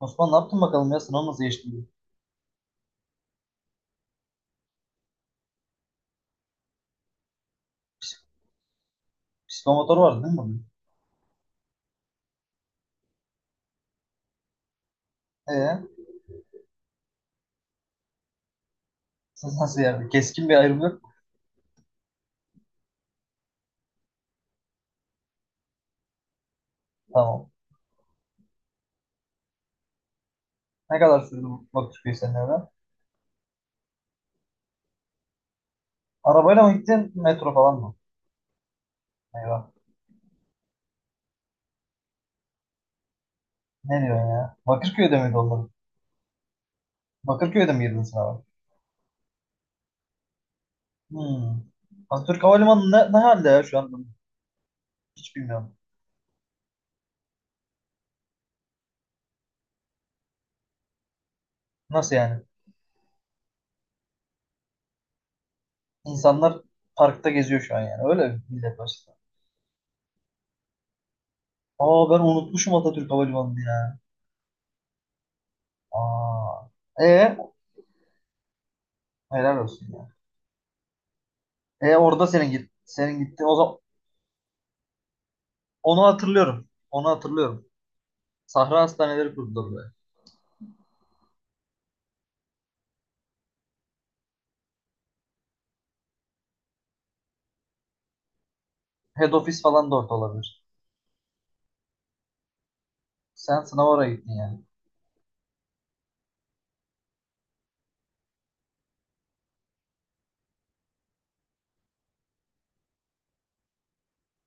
Osman ne yaptın bakalım ya? Sınav nasıl geçti? Pistol motoru vardı değil mi bunun? Ee, Siz nasıl yani? Keskin bir ayrım yok mu? Tamam. Ne kadar sürdü bu Bakırköy senin eve? Arabayla mı gittin? Metro falan mı? Eyvah. Ne diyorsun ya? Bakırköy'de miydi onlar? Bakırköy'de mi girdin sınava? Hmm. Atatürk Havalimanı ne, ne halde ya şu anda? Hiç bilmiyorum. Nasıl yani? İnsanlar parkta geziyor şu an yani. Öyle mi millet başta. Aa, ben unutmuşum Atatürk Havalimanı'nı ya. Aa. E, helal olsun ya. E, orada senin git senin gitti o zaman. Onu hatırlıyorum. Onu hatırlıyorum. Sahra hastaneleri kurdular buraya. Head office falan da orada olabilir. Sen sınava oraya gittin yani.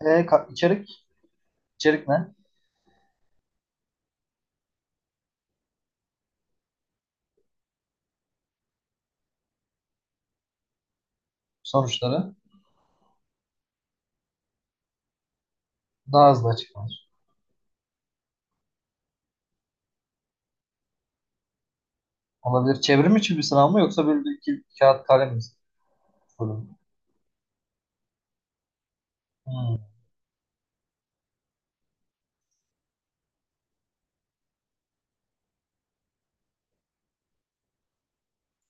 E, içerik? İçerik ne? Sonuçları daha hızlı açıklanır. Olabilir. Çevrim için bir sınav mı, yoksa böyle bir iki kağıt kalem mi? Sorun. Hmm.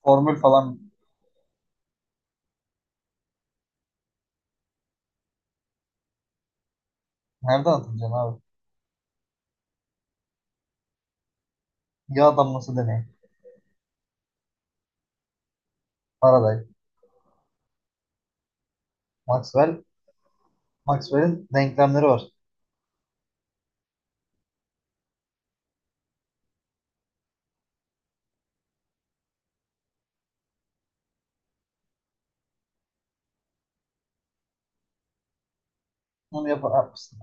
Formül falan nereden hatırlayacaksın abi? Yağ damlası deneyi. Faraday. Maxwell. Maxwell'in denklemleri var. Onu yapmışsın.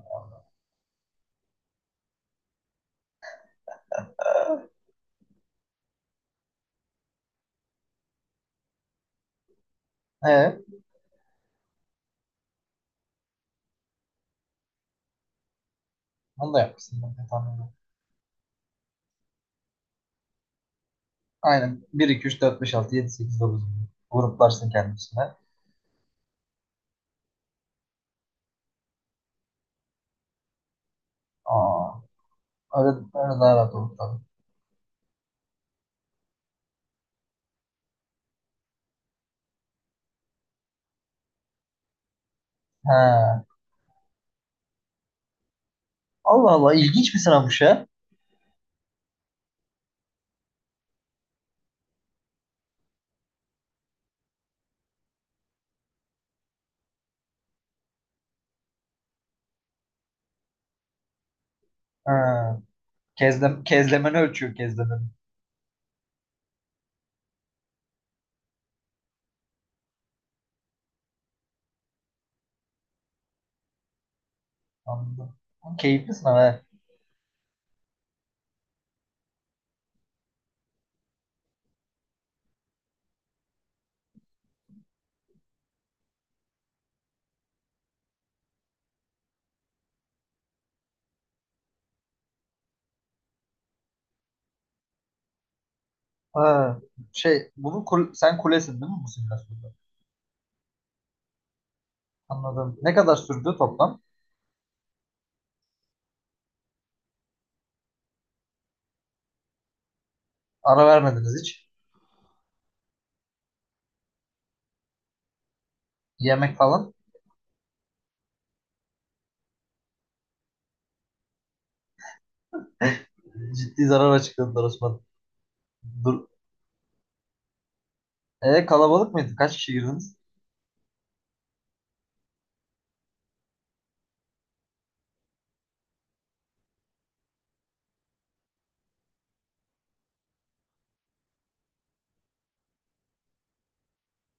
Ee, Onu da yapmışsın. Ben de tahmin ediyorum. Aynen. Bir 2 3 4 5 6 7 8 9. Gruplarsın kendisine. Aa, öyle, öyle daha rahat olur tabii. He. Allah Allah, ilginç bir sınavmış ha. He. Kezlem, kezlemeni ölçüyor kezlemeni. Anladım. Ama keyifli sınav he. Ha. Şey, bunu sen kulesin değil mi bu simülasyonda? Anladım. Ne kadar sürdü toplam? Ara vermediniz hiç. Yemek falan. Ciddi zarar açıkladılar Osman. Dur. E, kalabalık mıydı? Kaç kişi girdiniz?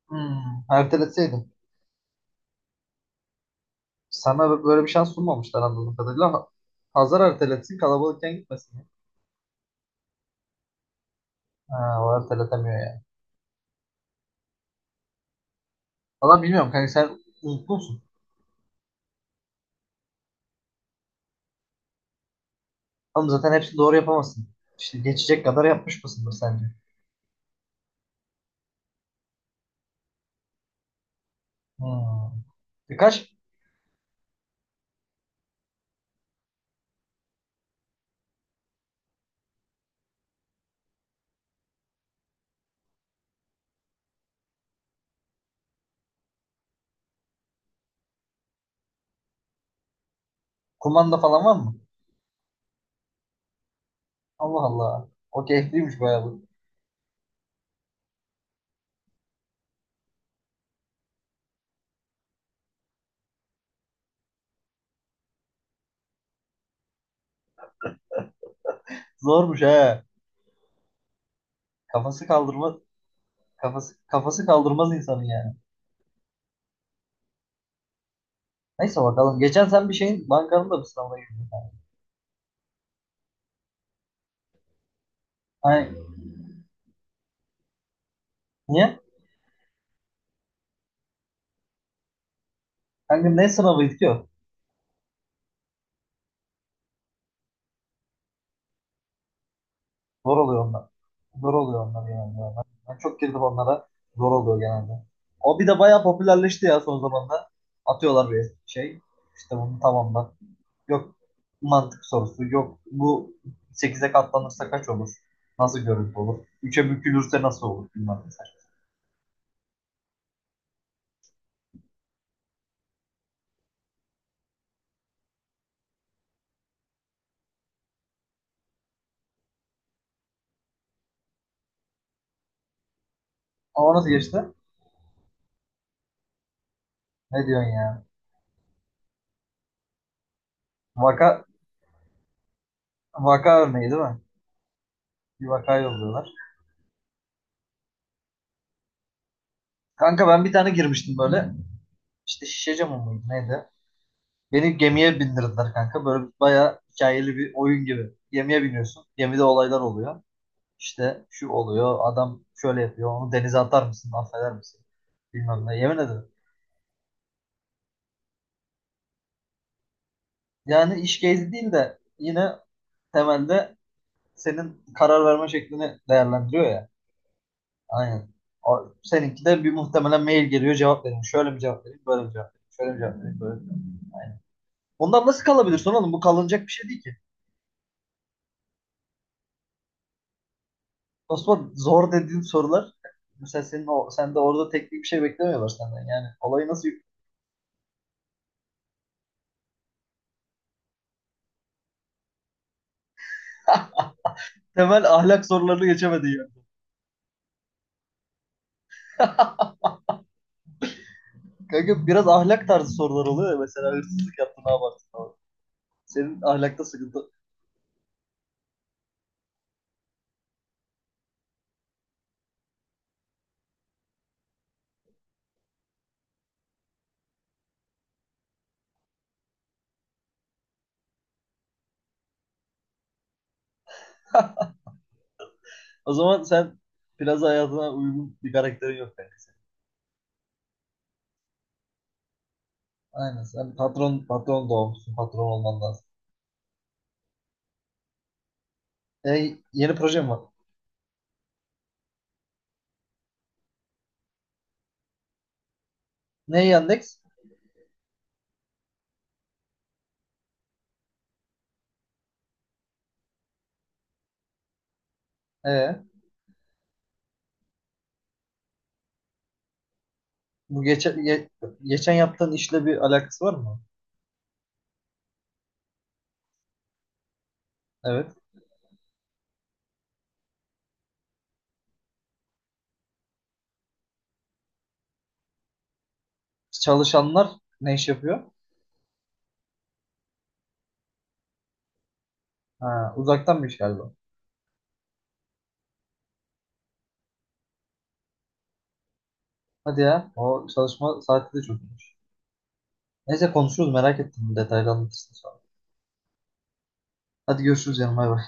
Hmm, erteletseydim. Sana böyle bir şans sunmamışlar anladığım kadarıyla. Ha- Hazar erteletsin, kalabalıkken gitmesin. Ha, o kadar ya. Valla bilmiyorum kanka, sen unuttun musun? Oğlum zaten hepsini doğru yapamazsın. İşte geçecek kadar yapmış mısındır sence? Hmm. Birkaç kumanda falan var mı? Allah Allah. O keyifliymiş bayağı bu. Zormuş he. Kafası kaldırmaz, kafası kaldırmaz insanın yani. Neyse bakalım. Geçen sen bir şeyin bankanın da bir sınavına girdin. Hani niye? Kanka ne sınavıydı ki o? Zor oluyor onlar. Zor oluyor onlar genelde. Ben çok girdim onlara. Zor oluyor genelde. O bir de bayağı popülerleşti ya son zamanlarda. Atıyorlar bir şey. İşte bunu tamamla. Yok, mantık sorusu. Yok, bu sekize katlanırsa kaç olur? Nasıl görüntü olur? Üçe bükülürse nasıl olur? Bilmem mesela. Ama nasıl geçti? Ne diyorsun ya? Vaka, Vaka örneği değil mi? Bir vaka yolluyorlar. Kanka ben bir tane girmiştim böyle. İşte şişe camı mıydı neydi? Beni gemiye bindirdiler kanka. Böyle bayağı hikayeli bir oyun gibi. Gemiye biniyorsun. Gemide olaylar oluyor. İşte şu oluyor. Adam şöyle yapıyor. Onu denize atar mısın? Affeder misin? Bilmem ne. Yemin ederim. Yani iş gezi değil de yine temelde senin karar verme şeklini değerlendiriyor ya. Aynen. O, seninki de bir muhtemelen mail geliyor. Cevap vereyim. Şöyle mi cevap vereyim? Böyle mi cevap vereyim? Şöyle mi cevap vereyim? Böyle mi cevap vereyim? Aynen. Bundan nasıl kalabilirsin oğlum? Bu kalınacak bir şey değil ki. Osman, zor dediğin sorular mesela senin o, sen de orada teknik bir şey beklemiyorlar senden yani. Olayı nasıl, temel ahlak sorularını geçemedi yani. Kanka biraz ahlak tarzı sorular oluyor ya, mesela hırsızlık yaptın ne yaparsın falan. Senin ahlakta sıkıntı. O zaman sen biraz hayatına uygun bir karakterin yok kanka senin. Aynen, sen patron, patron doğmuşsun, patron olman lazım. E, yeni projem var. Ne Yandex? E, bu geçen geçen yaptığın işle bir alakası var mı? Evet. Çalışanlar ne iş yapıyor? Ha, uzaktanmış galiba. Hadi ya. O çalışma saati de çok çokmuş. Neyse konuşuruz, merak ettim. Detaylı anlatırsın sonra. Hadi görüşürüz canım. Bay bay.